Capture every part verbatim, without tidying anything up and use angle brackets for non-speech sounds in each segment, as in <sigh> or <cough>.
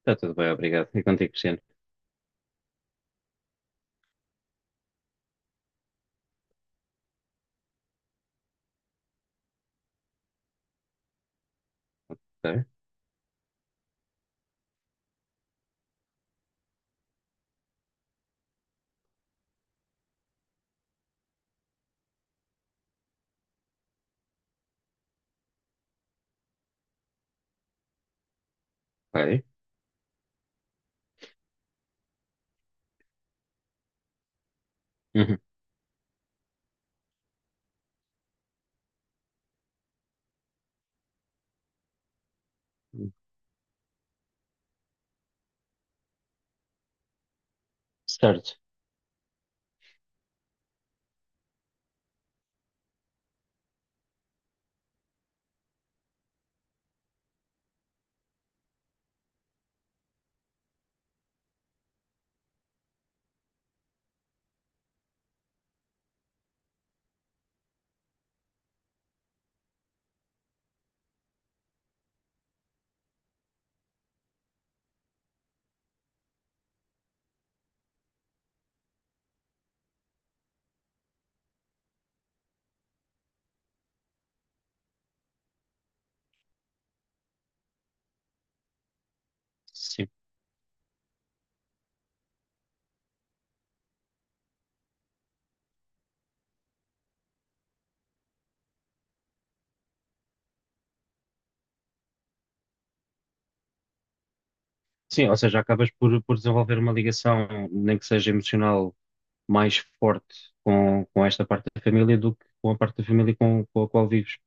Está tudo bem, obrigado. E contigo, Cristiano? Ok. Ok. Uhum. Certo. Sim. Sim, ou seja, acabas por, por desenvolver uma ligação, nem que seja emocional, mais forte com, com esta parte da família do que com a parte da família com, com a qual vives.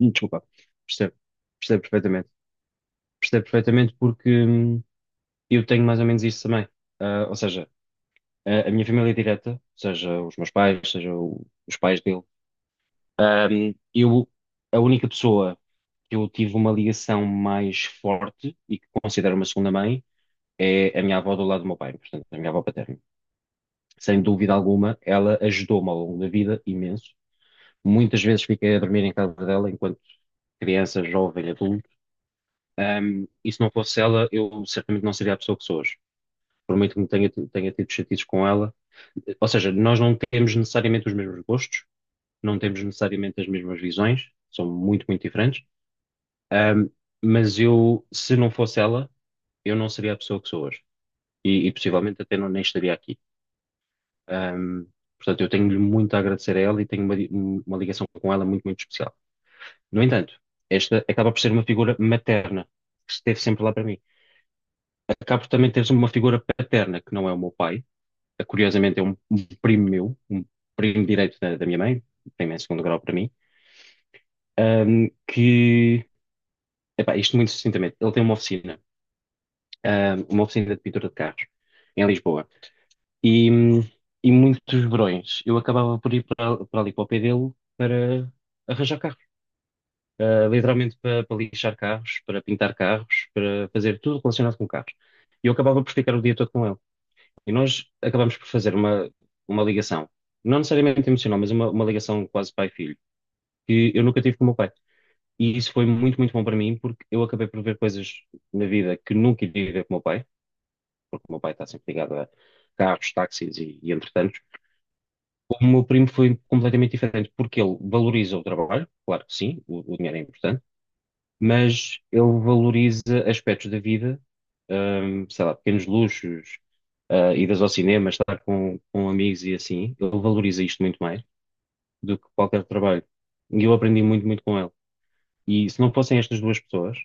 Hum, Desculpa. Percebo. Percebo perfeitamente. Percebo perfeitamente porque hum, eu tenho mais ou menos isso também. Ah, ou seja, a, a minha família é direta, seja os meus pais, seja o- os pais dele. Ahm, eu, a única pessoa que eu tive uma ligação mais forte e que considero uma segunda mãe é a minha avó do lado do meu pai, portanto, a minha avó paterna. Sem dúvida alguma, ela ajudou-me ao longo da vida imenso. Muitas vezes fiquei a dormir em casa dela enquanto criança, jovem, adulto. Ahm, e se não fosse ela, eu certamente não seria a pessoa que sou hoje. Por muito que me tenha, tenha tido chatices com ela. Ou seja, nós não temos necessariamente os mesmos gostos, não temos necessariamente as mesmas visões, são muito, muito diferentes. Ahm, mas eu, se não fosse ela, eu não seria a pessoa que sou hoje. E, e possivelmente até não, nem estaria aqui. Ahm, portanto, eu tenho-lhe muito a agradecer a ela e tenho uma, di- um, uma ligação com ela muito, muito especial. No entanto, esta acaba por ser uma figura materna, que esteve sempre lá para mim. Acabo por também teres uma figura paterna, que não é o meu pai. Ah, Curiosamente, é um, um primo meu, um primo direito da, da minha mãe, primo em segundo grau para mim, ahm, que, epá, isto muito sucintamente, ele tem uma oficina. Ah, uma oficina de pintura de carros em Lisboa. E, hum, e muitos verões eu acabava por ir para, para ali para o pé dele para arranjar carros. Ah, literalmente para, para lixar carros, para pintar carros, para fazer tudo relacionado com carros. E eu acabava por ficar o dia todo com ele. E nós acabamos por fazer uma, uma ligação, não necessariamente emocional, mas uma, uma ligação quase pai-filho, que eu nunca tive com o meu pai. E isso foi muito, muito bom para mim, porque eu acabei por ver coisas na vida que nunca iria ver com o meu pai, porque o meu pai está sempre ligado a carros, táxis e, e entretantos. O meu primo foi completamente diferente, porque ele valoriza o trabalho, claro que sim, o, o dinheiro é importante, mas ele valoriza aspectos da vida, hum, sei lá, pequenos luxos, ah, idas ao cinema, estar com, com amigos e assim. Ele valoriza isto muito mais do que qualquer trabalho. E eu aprendi muito, muito com ele. E se não fossem estas duas pessoas,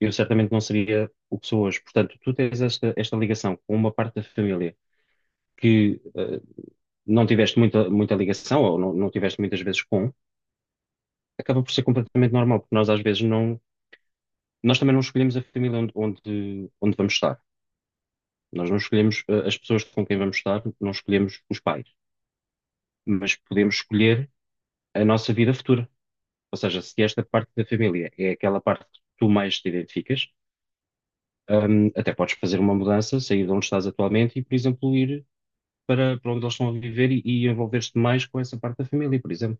eu certamente não seria o que sou hoje. Portanto, tu tens esta, esta ligação com uma parte da família que ah, não tiveste muita, muita ligação ou não, não tiveste muitas vezes com, acaba por ser completamente normal, porque nós às vezes não, nós também não escolhemos a família onde, onde, onde vamos estar. Nós não escolhemos eh, as pessoas com quem vamos estar, não escolhemos os pais, mas podemos escolher a nossa vida futura. Ou seja, se esta parte da família é aquela parte que tu mais te identificas, hum, até podes fazer uma mudança, sair de onde estás atualmente e, por exemplo, ir para, para onde eles estão a viver e, e envolver-te mais com essa parte da família, por exemplo.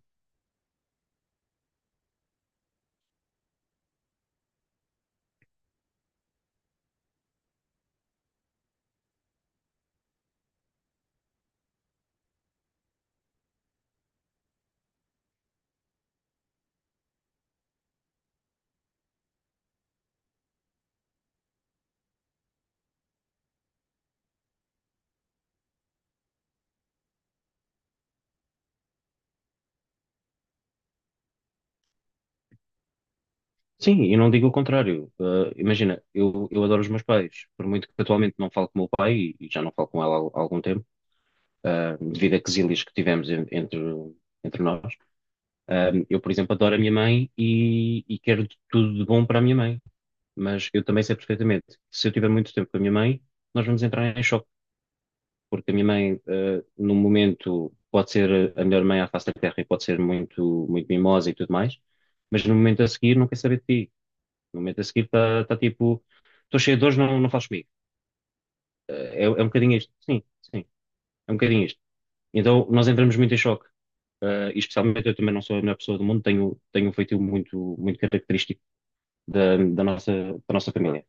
Sim, e não digo o contrário. Uh, imagina, eu, eu adoro os meus pais, por muito que atualmente não falo com o meu pai, e, e já não falo com ela há, al- algum tempo, uh, devido a quezílias que tivemos en- entre, entre nós. Um, eu, por exemplo, adoro a minha mãe e, e quero de tudo de bom para a minha mãe, mas eu também sei perfeitamente que se eu tiver muito tempo com a minha mãe, nós vamos entrar em choque, porque a minha mãe, uh, num momento, pode ser a melhor mãe à face da terra e pode ser muito, muito mimosa e tudo mais, mas no momento a seguir não quer saber de ti, no momento a seguir está tá, tipo, estou cheio de dores, não, não fales comigo. Eh, É, é um bocadinho isto. Sim, sim, é um bocadinho isto. Então nós entramos muito em choque. Eh, e especialmente eu também não sou a melhor pessoa do mundo, tenho, tenho um feitio muito, muito característico da, da nossa, da nossa família.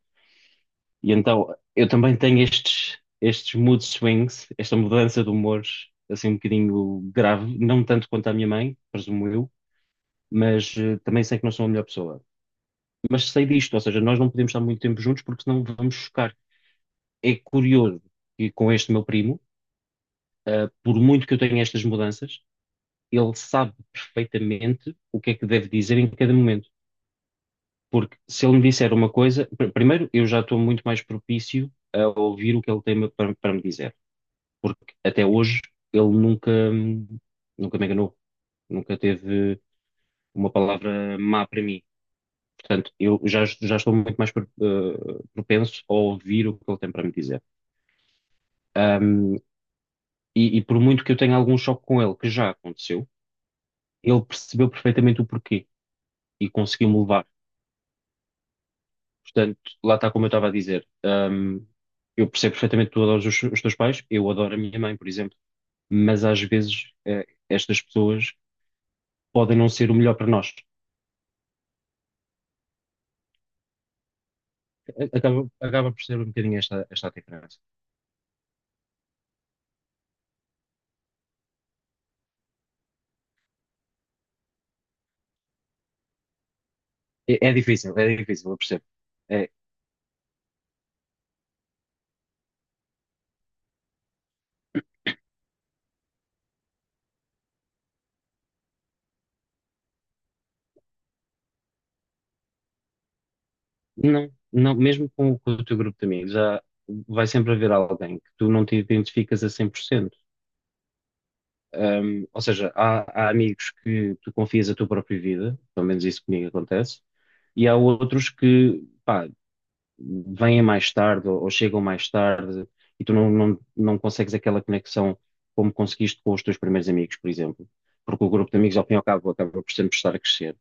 E então eu também tenho estes, estes mood swings, esta mudança de humores, assim um bocadinho grave, não tanto quanto a minha mãe, presumo eu, mas eh, também sei que não sou a melhor pessoa. Mas sei disto, ou seja, nós não podemos estar muito tempo juntos porque senão vamos chocar. É curioso que com este meu primo, ah, por muito que eu tenha estas mudanças, ele sabe perfeitamente o que é que deve dizer em cada momento. Porque se ele me disser uma coisa, pr- primeiro, eu já estou muito mais propício a ouvir o que ele tem para, para me dizer. Porque até hoje ele nunca, hum, nunca me enganou, nunca teve uma palavra má para mim. Portanto, eu já, já estou muito mais pro- eh, propenso a ouvir o que ele tem para me dizer. E, e por muito que eu tenha algum choque com ele, que já aconteceu, ele percebeu perfeitamente o porquê e conseguiu-me levar. Portanto, lá está, como eu estava a dizer. Hum, eu percebo perfeitamente que tu adoras os, os teus pais, eu adoro a minha mãe, por exemplo, mas às vezes eh, estas pessoas podem não ser o melhor para nós. A- Acaba, acaba por ser um bocadinho esta, esta a diferença. É, é difícil, é difícil, eu percebo. É, não, não, mesmo com, o com o teu grupo de amigos, há, vai sempre haver alguém que tu não te identificas a cem por cento. Um, ou seja, há, há amigos que tu confias a tua própria vida, pelo menos isso comigo acontece, e há outros que, pá, vêm mais tarde ou, ou chegam mais tarde e tu não, não, não consegues aquela conexão como conseguiste com os teus primeiros amigos, por exemplo, porque o grupo de amigos, ao fim e ao cabo, acaba por sempre estar a crescer.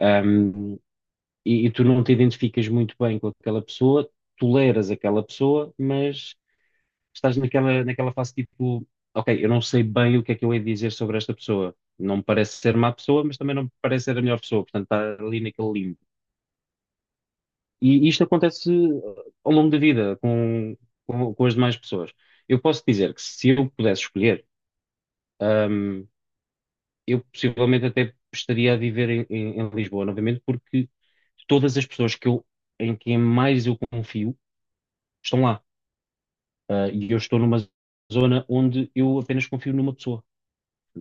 Um, e, e tu não te identificas muito bem com aquela pessoa, toleras aquela pessoa, mas estás naquela, naquela fase, tipo, ok, eu não sei bem o que é que eu hei de dizer sobre esta pessoa. Não me parece ser má pessoa, mas também não me parece ser a melhor pessoa. Portanto, está ali naquele limbo. E isto acontece uh, ao longo da vida com, com, com as demais pessoas. Eu posso dizer que se eu pudesse escolher, um, eu possivelmente até estaria a viver em, em- em Lisboa novamente, porque todas as pessoas que eu, em quem mais eu confio estão lá. Uh, e eu estou numa zona onde eu apenas confio numa pessoa.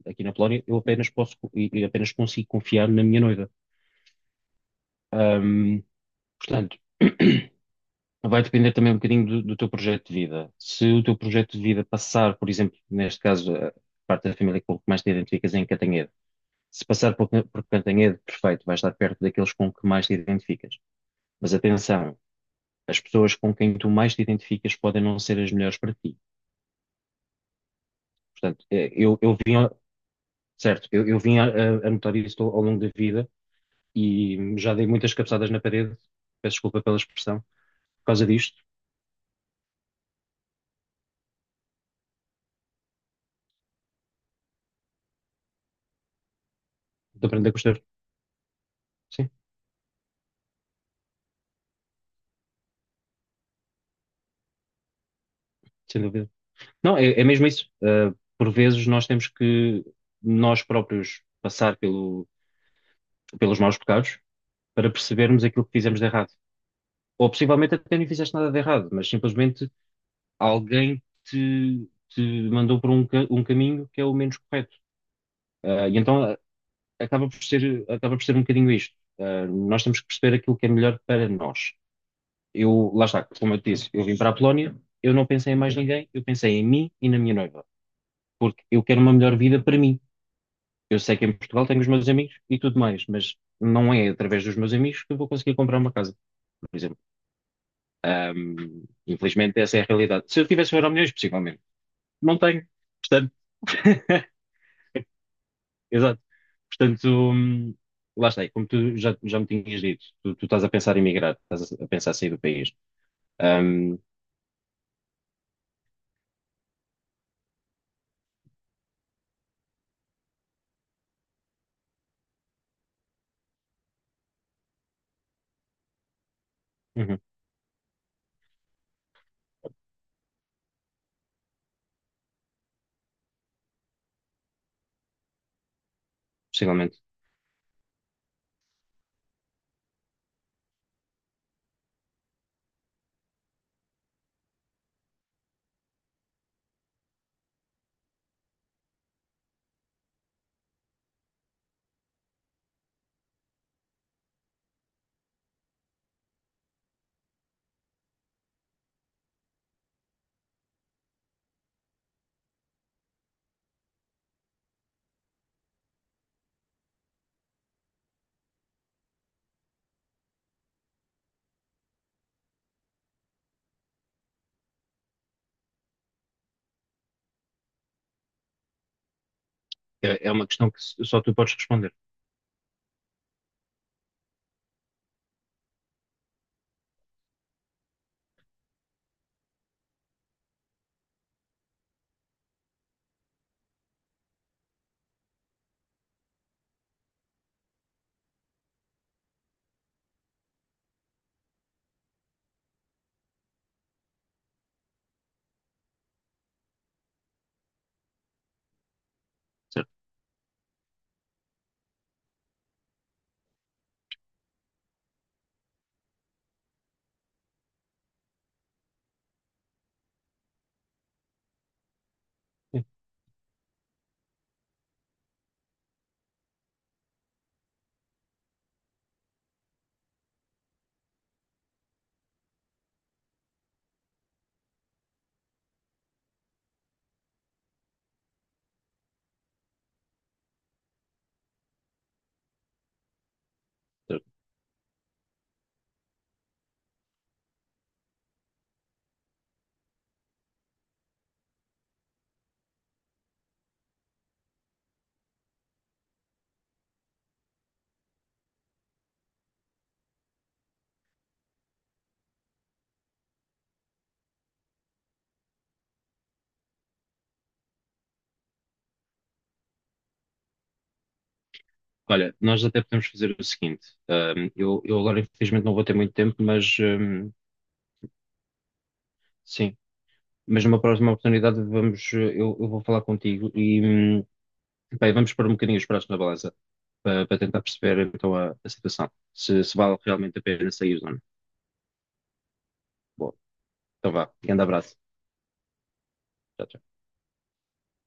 Aqui na Polónia, eu apenas posso e apenas consigo confiar na minha noiva. Ahm, Portanto, vai depender também um bocadinho do, do teu projeto de vida. Se o teu projeto de vida passar, por exemplo, neste caso, a parte da família com que mais te identificas é em Cantanhede. Se passar por, por Cantanhede, perfeito, vais estar perto daqueles com que mais te identificas. Mas atenção, as pessoas com quem tu mais te identificas podem não ser as melhores para ti. Portanto, eh, eu, eu vim, a- certo, eu, eu vim a, a- a notar isso ao longo da vida e já dei muitas cabeçadas na parede, peço desculpa pela expressão, por causa disto, de aprender com os erros. Sim, sem dúvida. Não, é, é mesmo isso. Uh, por vezes nós temos que nós próprios passar pelo, pelos maus pecados para percebermos aquilo que fizemos de errado. Ou possivelmente até nem fizeste nada de errado, mas simplesmente alguém te, te mandou por um, ca- um caminho que é o menos correto. Ah, e então ah, acaba por ser, acaba por ser um bocadinho isto. Ah, nós temos que perceber aquilo que é melhor para nós. Eu, lá está, como eu te disse, eu vim para a Polónia, eu não pensei em mais ninguém, eu pensei em mim e na minha noiva, porque eu quero uma melhor vida para mim. Eu sei que em Portugal tenho os meus amigos e tudo mais, mas não é através dos meus amigos que eu vou conseguir comprar uma casa, por exemplo. Ahm, infelizmente, essa é a realidade. Se eu tivesse um euro milhões, possivelmente. Não tenho. Portanto, <laughs> exato. Portanto, hum, lá está, e como tu já, já me tinhas dito, tu, tu estás a pensar em migrar, estás a, a pensar em sair do país. Ahm, uhum, possivelmente. É, é uma questão que só tu podes responder, certo? Sim. Certo. Olha, nós até podemos fazer o seguinte: ahm, eu, eu agora infelizmente não vou ter muito tempo, mas ahm, sim, mas numa próxima oportunidade vamos, eh, eu, eu vou falar contigo e hum, bem, vamos pôr um bocadinho os pratos na balança para, para tentar perceber então a, a situação, se, se vale realmente a pena sair ou não. Bom, então vá, grande abraço. Tchau, tchau.